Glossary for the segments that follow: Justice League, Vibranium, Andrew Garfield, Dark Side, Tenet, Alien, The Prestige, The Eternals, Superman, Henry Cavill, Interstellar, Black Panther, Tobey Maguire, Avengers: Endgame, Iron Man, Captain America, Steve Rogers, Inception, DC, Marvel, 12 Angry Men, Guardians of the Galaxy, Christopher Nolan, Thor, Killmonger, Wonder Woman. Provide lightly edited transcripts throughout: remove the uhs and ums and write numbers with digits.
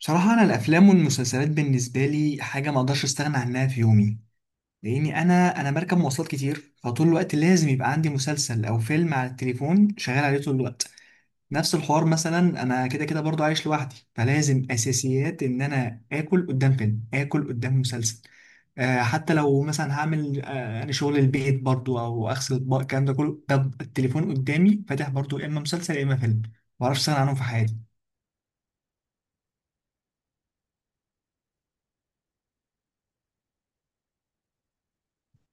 بصراحة أنا الأفلام والمسلسلات بالنسبة لي حاجة ما أقدرش أستغنى عنها في يومي. لأني أنا بركب مواصلات كتير، فطول الوقت لازم يبقى عندي مسلسل أو فيلم على التليفون شغال عليه طول الوقت. نفس الحوار مثلا، أنا كده كده برضو عايش لوحدي، فلازم أساسيات إن أنا آكل قدام فيلم، آكل قدام مسلسل. آه، حتى لو مثلا هعمل أنا شغل البيت برضو، أو أغسل أطباق، الكلام ده كله، طب التليفون قدامي فاتح برضو، يا إما مسلسل يا إما فيلم. معرفش أستغنى عنهم في حياتي.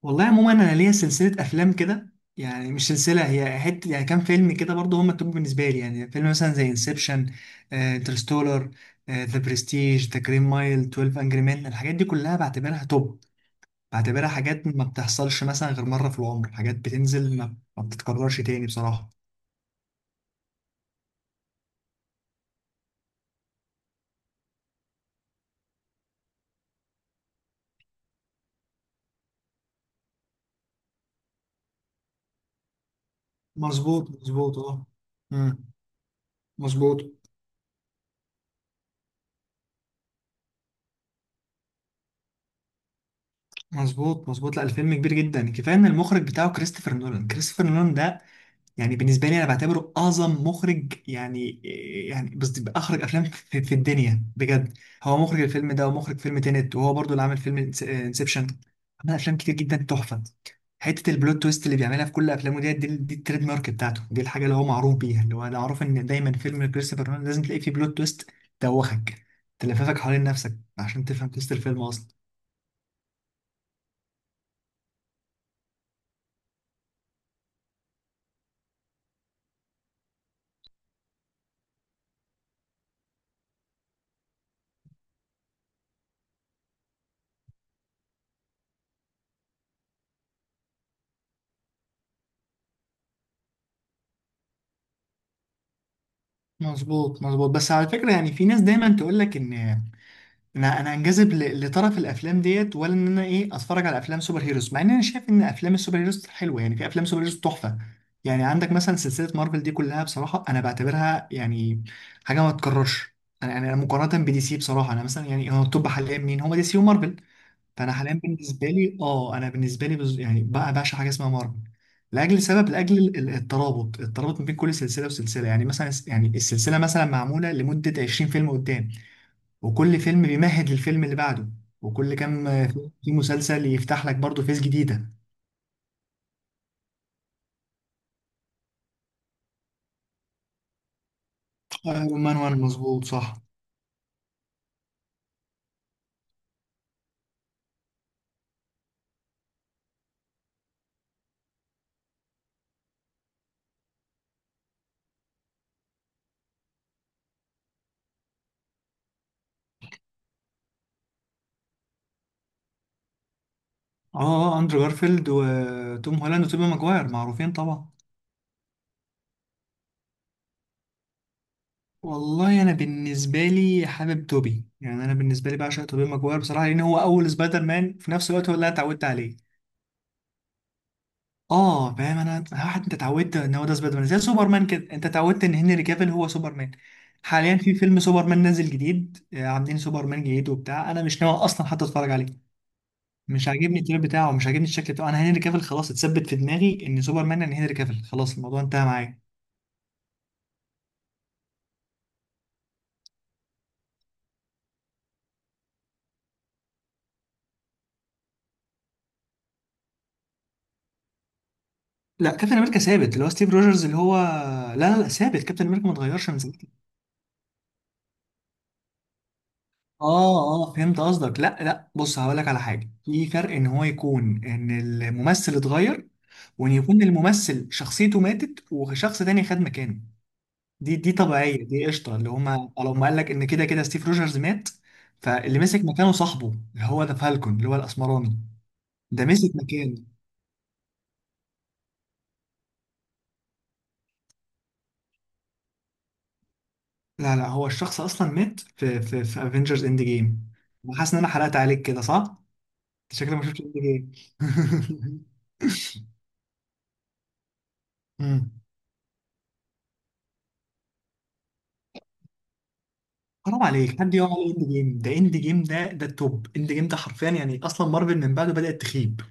والله عموما انا ليا سلسله افلام كده. يعني مش سلسله، هي حته يعني كام فيلم كده برضه هم التوب بالنسبه لي. يعني فيلم مثلا زي انسبشن، انترستولر، ذا برستيج، ذا جرين مايل، 12 انجري مان، الحاجات دي كلها بعتبرها توب. بعتبرها حاجات ما بتحصلش مثلا غير مره في العمر، حاجات بتنزل ما بتتكررش تاني بصراحه. مظبوط مظبوط، اه. مم. مظبوط مظبوط. مظبوط، لا الفيلم كبير جدا، كفايه ان المخرج بتاعه كريستوفر نولان. كريستوفر نولان ده يعني بالنسبه لي انا بعتبره اعظم مخرج يعني. يعني بس اخرج افلام في الدنيا بجد، هو مخرج الفيلم ده، ومخرج فيلم تينت، وهو برضو اللي عامل فيلم انسبشن. عمل افلام كتير جدا تحفه. حته البلوت تويست اللي بيعملها في كل افلامه، دي التريد مارك بتاعته، دي الحاجه اللي هو معروف بيها، اللي هو انا معروف ان دايما فيلم كريستوفر نولان لازم تلاقي فيه بلوت تويست توخك، تلففك حوالين نفسك عشان تفهم تويست الفيلم اصلا. مظبوط مظبوط. بس على فكره، يعني في ناس دايما تقول لك ان انا انجذب لطرف الافلام ديت، ولا ان انا ايه، اتفرج على افلام سوبر هيروز. مع ان انا شايف ان افلام السوبر هيروز حلوه، يعني في افلام سوبر هيروز تحفه. يعني عندك مثلا سلسله مارفل دي كلها بصراحه انا بعتبرها يعني حاجه ما تتكررش. انا يعني انا مقارنه بدي سي بصراحه، انا مثلا يعني، هو التوب حاليا مين؟ هو دي سي ومارفل. فانا حاليا بالنسبه لي، اه، انا بالنسبه لي يعني بقى بعشق حاجه اسمها مارفل، لاجل سبب، لاجل الترابط ما بين كل سلسله وسلسله. يعني مثلا يعني السلسله مثلا معموله لمده 20 فيلم قدام، وكل فيلم بيمهد للفيلم اللي بعده، وكل كام فيلم في مسلسل يفتح لك برضه فيس جديدة. ايرون مان وان، مظبوط صح. اه، اندرو جارفيلد وتوم هولاند وتوبي ماجواير معروفين طبعا. والله انا بالنسبه لي حابب توبي، يعني انا بالنسبه لي بعشق توبي ماجواير بصراحه، لان هو اول سبايدر مان، في نفس الوقت هو اللي انا اتعودت عليه. اه فاهم، انا واحد انت اتعودت ان هو ده سبايدر مان، زي سوبرمان كده، انت اتعودت ان هنري كافيل هو سوبرمان. حاليا في فيلم سوبرمان نازل جديد، عاملين سوبرمان جديد وبتاع، انا مش ناوي اصلا حتى اتفرج عليه. مش عاجبني التير بتاعه، مش عاجبني الشكل بتاعه، انا هنري كافيل خلاص اتثبت في دماغي ان سوبرمان يعني هنري كافيل، خلاص الموضوع انتهى معايا. لا كابتن امريكا ثابت، اللي هو ستيف روجرز اللي هو، لا لا لا، ثابت كابتن امريكا ما اتغيرش من زمان. اه اه فهمت قصدك، لا لا، بص هقولك على حاجه، في فرق ان هو يكون ان الممثل اتغير، وان يكون الممثل شخصيته ماتت وشخص تاني خد مكانه. دي طبيعيه، دي قشطه، اللي هما لو ما قالك ان كده كده ستيف روجرز مات، فاللي مسك مكانه صاحبه، اللي هو ده فالكون اللي هو الاسمراني، ده مسك مكانه. لا لا، هو الشخص اصلا مات في في افنجرز اند جيم. حاسس ان انا حرقت عليك كده صح؟ أنت شكلك ما شفتش اند جيم. حرام عليك، حد يقع على اند جيم؟ ده اند جيم، ده التوب. اند جيم ده حرفيا يعني اصلا مارفل من بعده بدأت تخيب.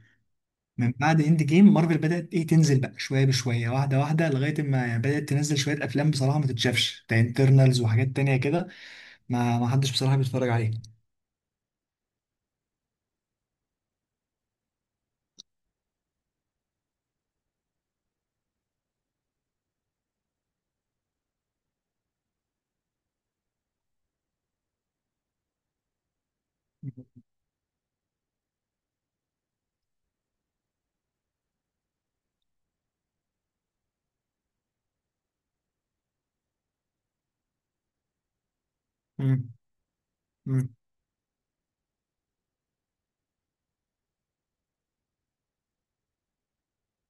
من بعد اند جيم مارفل بدأت ايه، تنزل بقى شويه بشويه، واحده واحده، لغايه ما يعني بدأت تنزل شويه افلام بصراحه ما تتشافش، ده انترنالز وحاجات تانية كده، ما حدش بصراحه بيتفرج عليه. مم. مم.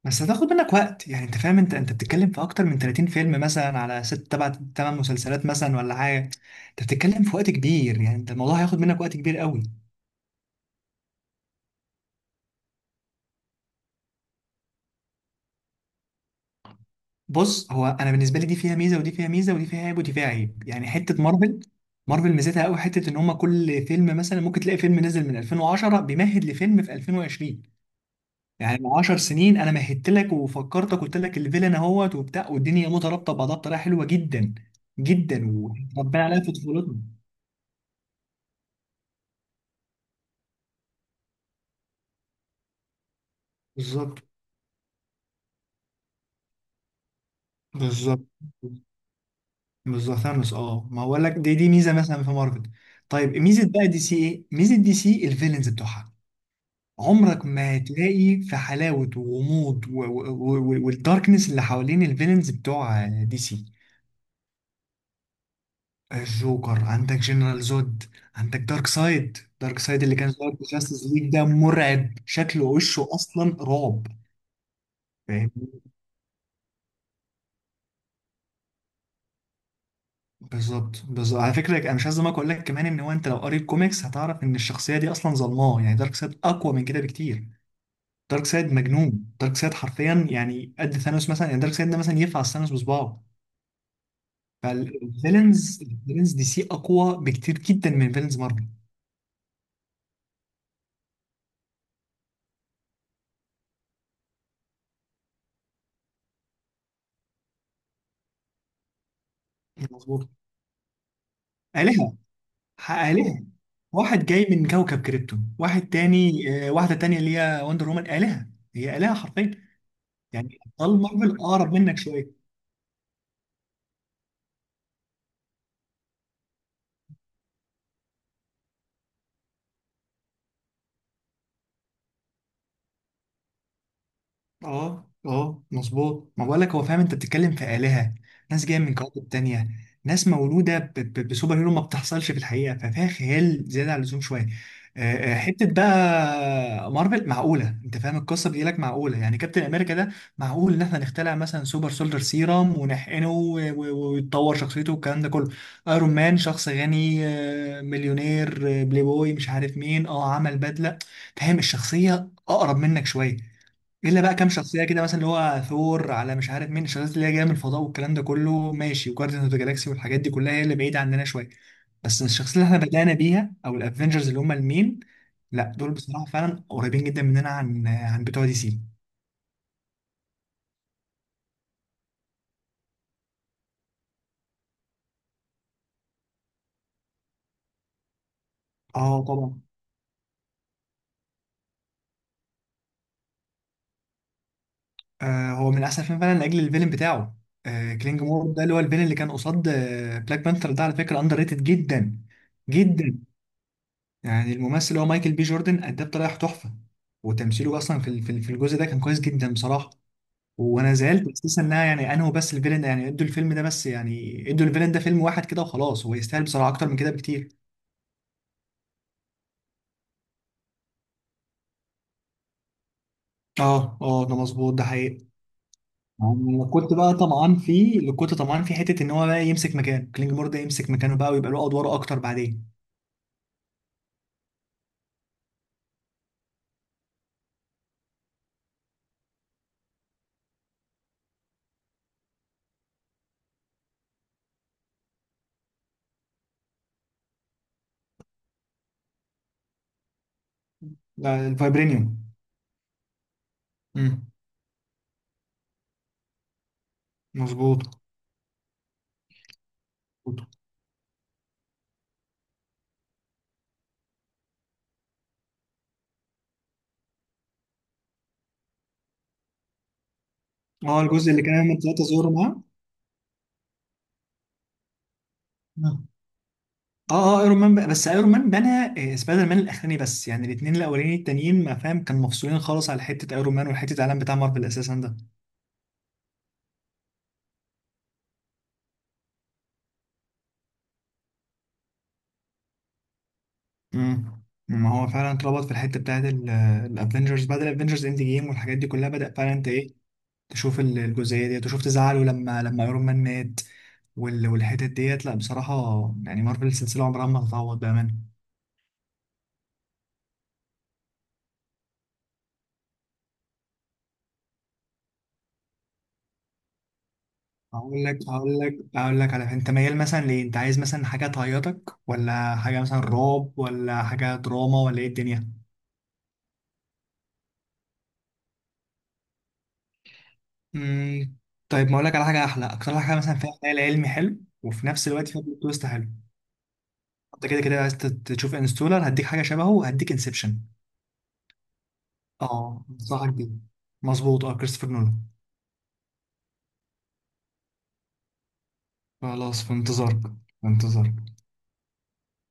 بس هتاخد منك وقت، يعني انت فاهم، انت بتتكلم في اكتر من 30 فيلم مثلا، على ست تبع تمن مسلسلات مثلا ولا حاجه، انت بتتكلم في وقت كبير، يعني انت الموضوع هياخد منك وقت كبير قوي. بص، هو انا بالنسبه لي دي فيها ميزه ودي فيها ميزه، ودي فيها عيب ودي فيها عيب، يعني حته مارفل، مارفل ميزتها قوي حته ان هم كل فيلم مثلا ممكن تلاقي فيلم نزل من 2010 بيمهد لفيلم في 2020. يعني من 10 سنين انا مهدت لك وفكرتك، قلت لك الفيلن اهوت وبتاع، والدنيا مترابطه ببعضها بطريقه حلوه جدا جدا، وربنا عليها في طفولتنا. بالظبط بالظبط، بالظبط ثانوس، اه، ما هقول لك، دي ميزه مثلا في مارفل. طيب ميزه بقى دي سي، ايه ميزه دي سي؟ الفيلنز بتوعها عمرك ما هتلاقي في حلاوة وغموض و والداركنس اللي حوالين الفيلنز بتوع دي سي. الجوكر، عندك جنرال زود، عندك دارك سايد. دارك سايد اللي كان ظاهر في جاستس ليج ده مرعب، شكله وشه اصلا رعب. فاهم. بالظبط بالظبط، على فكره انا مش عايز أزعلك، اقول لك كمان ان هو انت لو قريت كوميكس هتعرف ان الشخصيه دي اصلا ظلماه. يعني دارك سايد اقوى من كده بكتير، دارك سايد مجنون، دارك سايد حرفيا يعني قد ثانوس مثلا، يعني دارك سايد ده مثلا ينفع ثانوس بصباعه. فالفيلنز دي سي اقوى بكتير جدا من فيلنز مارفل. مظبوط. آلهة. آلهة، واحد جاي من كوكب كريبتون، واحد تاني، واحدة تانية اللي هي وندر وومن، آلهة، هي آلهة حرفيا. يعني أبطال مارفل أقرب منك شوية. اه اه مظبوط، ما بقولك هو، فاهم، انت بتتكلم في آلهة، ناس جاية من كواكب تانية، ناس مولودة بسوبر هيرو، ما بتحصلش في الحقيقة، ففيها خيال زيادة عن اللزوم شوية. حتة بقى مارفل معقولة، انت فاهم، القصة بتجي لك معقولة، يعني كابتن امريكا ده معقول ان احنا نخترع مثلا سوبر سولدر سيرام ونحقنه، ويتطور شخصيته والكلام ده كله. ايرون مان شخص غني، مليونير، بلاي بوي مش عارف مين، عمل بدلة، فاهم الشخصية اقرب منك شوية. الا بقى كام شخصيه كده مثلا، اللي هو ثور على مش عارف مين، الشخصيات اللي هي جايه من الفضاء والكلام ده كله، ماشي، وجارديان اوف ذا جالاكسي والحاجات دي كلها هي اللي بعيده عننا شويه. بس الشخصيات اللي احنا بدانا بيها او الافنجرز اللي هم المين، لا دول بصراحه فعلا قريبين جدا مننا عن بتوع دي سي. اه طبعا. آه هو من احسن فيلم فعلا لاجل الفيلن بتاعه. آه كلينج مور ده، اللي هو الفيلن اللي كان قصاد بلاك بانثر ده، على فكره اندر ريتد جدا جدا. يعني الممثل اللي هو مايكل بي جوردن اداه بطريقه تحفه، وتمثيله اصلا في في الجزء ده كان كويس جدا بصراحه. وانا زعلت اساسا انها يعني انهوا بس الفيلن، يعني ادوا الفيلم ده بس، يعني ادوا الفيلن ده فيلم واحد كده وخلاص، هو يستاهل بصراحه اكتر من كده بكتير. اه اه، ده مظبوط، ده حقيقي. يعني كنت بقى طمعان فيه، اللي كنت طمعان فيه حته ان هو بقى يمسك مكانه، كلينجمور ده يمسك مكانه بقى ويبقى له ادواره اكتر بعدين. ده الفايبرينيوم. امم. مظبوط. مظبوط. اه الجزء اللي كان ايرون ثلاثه زورو معاه. مم. اه اه، بس ايرون مان بنى سبايدر مان الاخراني. بس يعني الاثنين الاولانيين التانيين ما فاهم، كان مفصولين خالص على حته ايرون مان وحته العالم بتاع مارفل اساسا ده. امم. ما هو فعلا اتربط في الحته بتاعت الافنجرز، بعد الافنجرز اند جيم والحاجات دي كلها بدا فعلا انت ايه، تشوف الجزئيه ديت، وشفت زعله لما ايرون مان مات، والحتت ديت. لا بصراحه، يعني مارفل السلسله عمرها ما هتتعوض بامانه. هقول لك هقول لك على، انت ميال مثلا ليه؟ انت عايز مثلا حاجه تعيطك، ولا حاجه مثلا رعب، ولا حاجه دراما، ولا ايه الدنيا؟ امم. طيب ما اقول لك على حاجه احلى، اكتر حاجه مثلا فيها خيال علمي حلو، وفي نفس الوقت فيها بلوت تويست حلو. انت كده كده عايز تشوف انستولر، هديك حاجه شبهه، هديك انسبشن. اه انصحك بيه. مظبوط، اه، كريستوفر نولان. خلاص، في انتظارك، في انتظارك.